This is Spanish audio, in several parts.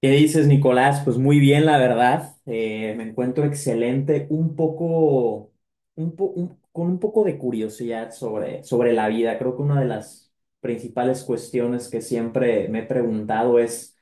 ¿Qué dices, Nicolás? Pues muy bien, la verdad. Me encuentro excelente, un poco, con un poco de curiosidad sobre la vida. Creo que una de las principales cuestiones que siempre me he preguntado es.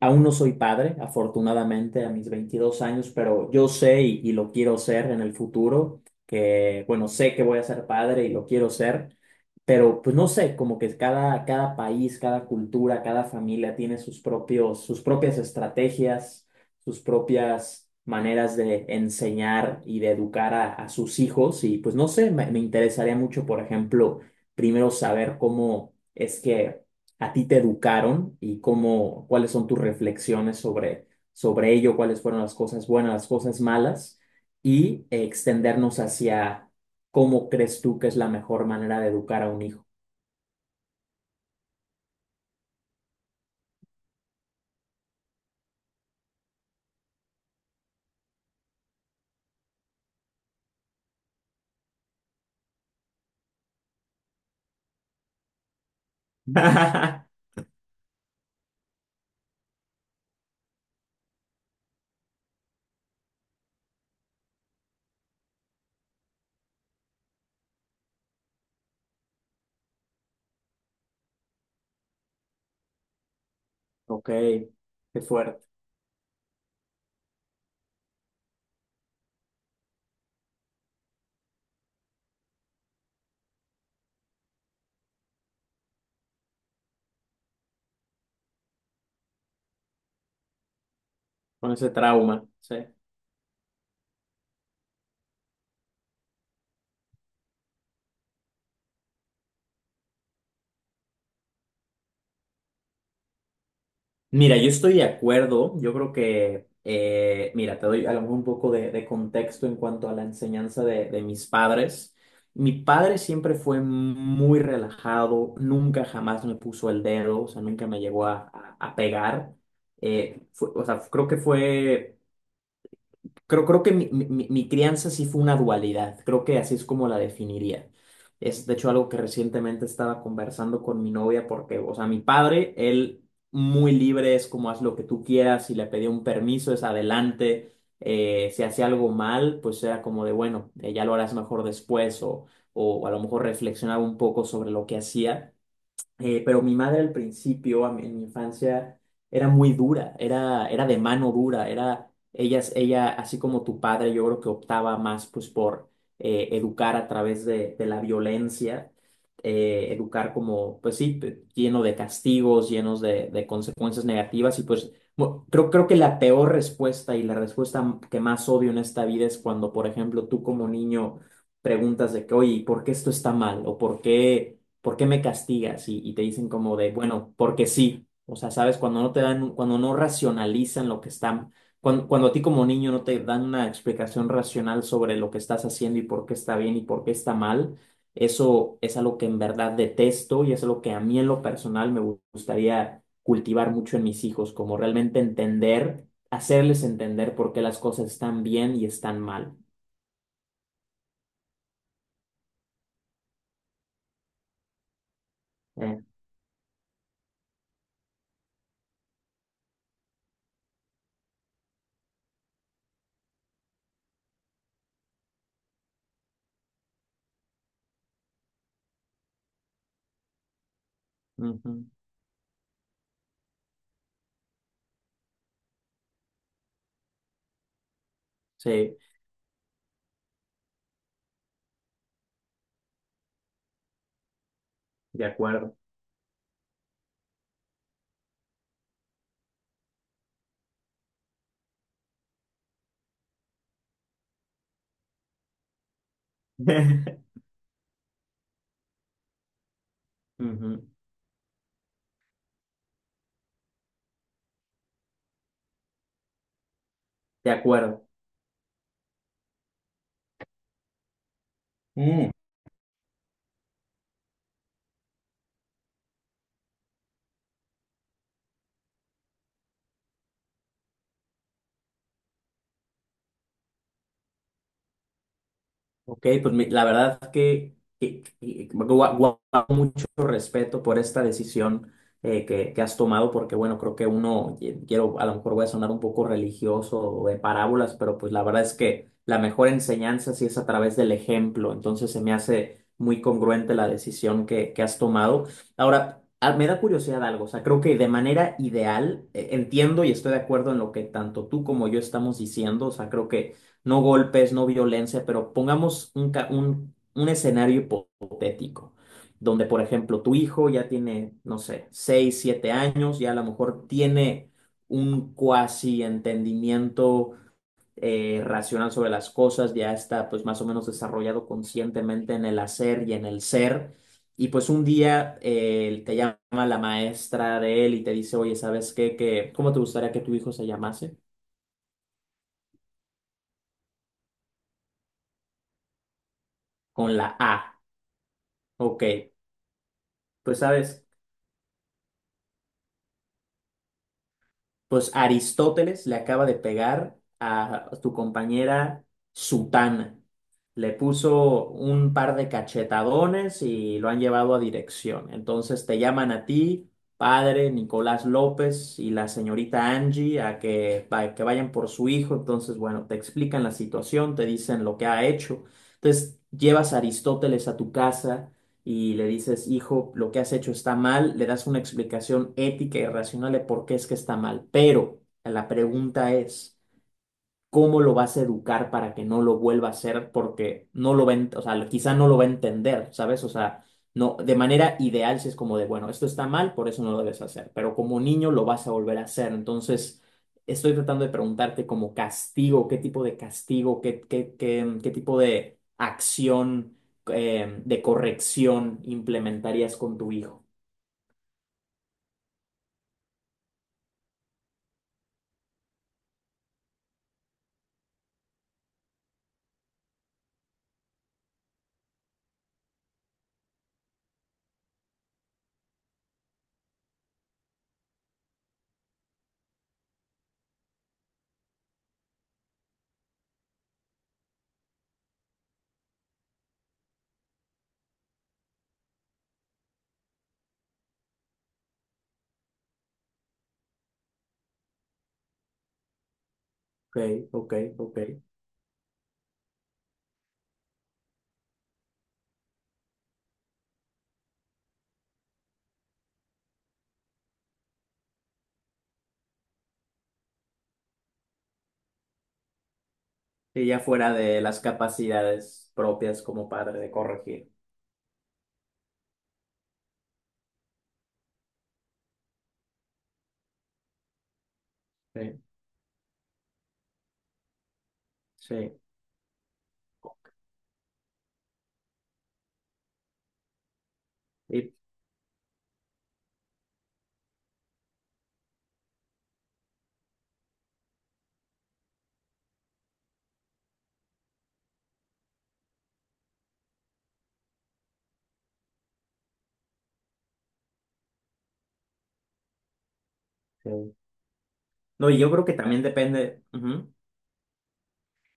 Aún no soy padre, afortunadamente, a mis 22 años, pero yo sé y lo quiero ser en el futuro, que, bueno, sé que voy a ser padre y lo quiero ser, pero pues no sé, como que cada país, cada cultura, cada familia tiene sus propios, sus propias estrategias, sus propias maneras de enseñar y de educar a sus hijos y pues no sé, me interesaría mucho, por ejemplo, primero saber cómo es que a ti te educaron y cómo, cuáles son tus reflexiones sobre ello, cuáles fueron las cosas buenas, las cosas malas, y extendernos hacia cómo crees tú que es la mejor manera de educar a un hijo. Ok. Qué fuerte. Con ese trauma, sí. Mira, yo estoy de acuerdo. Yo creo que, mira, te doy a lo mejor un poco de contexto en cuanto a la enseñanza de mis padres. Mi padre siempre fue muy relajado, nunca jamás me puso el dedo, o sea, nunca me llegó a pegar. O sea, creo que fue. Creo que mi, mi crianza sí fue una dualidad, creo que así es como la definiría. Es de hecho algo que recientemente estaba conversando con mi novia porque, o sea, mi padre, él muy libre, es como haz lo que tú quieras, si le pedía un permiso es adelante, si hacía algo mal, pues era como de, bueno, ya lo harás mejor después o a lo mejor reflexionaba un poco sobre lo que hacía. Pero mi madre al principio, en mi infancia, era muy dura, era de mano dura, ella, así como tu padre, yo creo que optaba más pues por educar a través de la violencia, educar como, pues sí, lleno de castigos, llenos de consecuencias negativas y pues creo que la peor respuesta y la respuesta que más odio en esta vida es cuando, por ejemplo, tú como niño preguntas de que, oye, ¿y por qué esto está mal? ¿O por qué? ¿Por qué me castigas? Y te dicen como de, bueno, porque sí. O sea, sabes, cuando no te dan, cuando no racionalizan lo que están, cuando a ti como niño no te dan una explicación racional sobre lo que estás haciendo y por qué está bien y por qué está mal, eso es algo que en verdad detesto y es algo que a mí en lo personal me gustaría cultivar mucho en mis hijos, como realmente entender, hacerles entender por qué las cosas están bien y están mal. Eh, Ujú. Sí. De acuerdo. Ujú. De acuerdo. Mm, ok, pues la verdad que, mucho respeto por esta decisión que has tomado, porque bueno, creo que uno, quiero, a lo mejor voy a sonar un poco religioso o de parábolas, pero pues la verdad es que la mejor enseñanza sí es a través del ejemplo, entonces se me hace muy congruente la decisión que has tomado. Ahora, me da curiosidad algo, o sea, creo que de manera ideal, entiendo y estoy de acuerdo en lo que tanto tú como yo estamos diciendo, o sea, creo que no golpes, no violencia, pero pongamos un escenario hipotético, donde, por ejemplo, tu hijo ya tiene, no sé, 6 7 años, ya a lo mejor tiene un cuasi entendimiento racional sobre las cosas, ya está pues más o menos desarrollado conscientemente en el hacer y en el ser. Y pues un día te llama la maestra de él y te dice, oye, ¿sabes qué? Que, ¿cómo te gustaría que tu hijo se llamase? Con la A. Ok, pues sabes. Pues Aristóteles le acaba de pegar a tu compañera Sutana. Le puso un par de cachetadones y lo han llevado a dirección. Entonces te llaman a ti, padre Nicolás López y la señorita Angie a que, que vayan por su hijo. Entonces, bueno, te explican la situación, te dicen lo que ha hecho. Entonces llevas a Aristóteles a tu casa y le dices, hijo, lo que has hecho está mal, le das una explicación ética y racional de por qué es que está mal. Pero la pregunta es, cómo lo vas a educar para que no lo vuelva a hacer porque no lo ven, o sea, quizá no lo va a entender, ¿sabes? O sea, no, de manera ideal si es como de, bueno, esto está mal, por eso no lo debes hacer, pero como niño lo vas a volver a hacer. Entonces, estoy tratando de preguntarte como castigo, qué tipo de castigo, qué, qué, qué, qué tipo de acción, de corrección implementarías con tu hijo. Ok, ok, ok. Y ya fuera de las capacidades propias como padre de corregir. Sí, sí. Sí, sí. No, y yo creo que también depende. Ujú.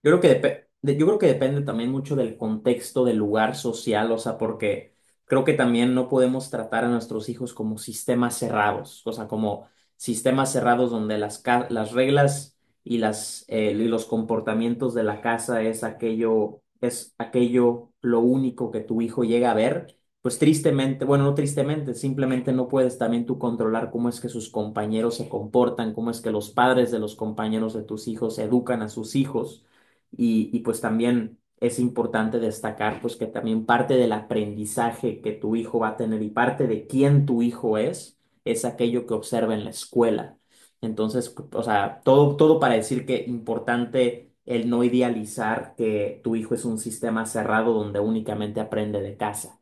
Yo creo que depende también mucho del contexto, del lugar social, o sea, porque creo que también no podemos tratar a nuestros hijos como sistemas cerrados, o sea, como sistemas cerrados donde las reglas y los comportamientos de la casa es aquello lo único que tu hijo llega a ver. Pues tristemente, bueno, no tristemente, simplemente no puedes también tú controlar cómo es que sus compañeros se comportan, cómo es que los padres de los compañeros de tus hijos educan a sus hijos. Y pues también es importante destacar pues que también parte del aprendizaje que tu hijo va a tener y parte de quién tu hijo es aquello que observa en la escuela. Entonces, o sea, todo, todo para decir que importante el no idealizar que tu hijo es un sistema cerrado donde únicamente aprende de casa.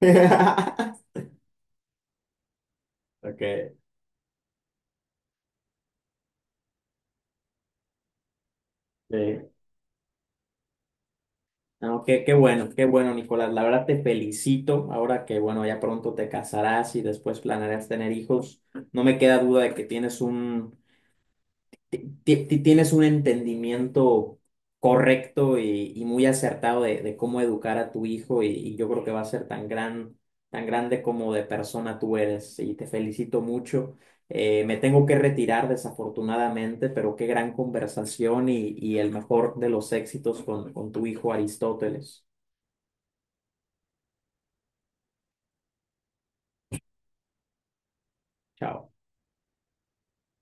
Okay. Sí. No, qué, qué bueno, Nicolás. La verdad te felicito. Ahora que, bueno, ya pronto te casarás y después planearás tener hijos, no me queda duda de que tienes un, ti- tienes un entendimiento correcto y muy acertado de cómo educar a tu hijo y yo creo que va a ser tan grande como de persona tú eres y te felicito mucho. Me tengo que retirar desafortunadamente, pero qué gran conversación y el mejor de los éxitos con tu hijo Aristóteles. Chao.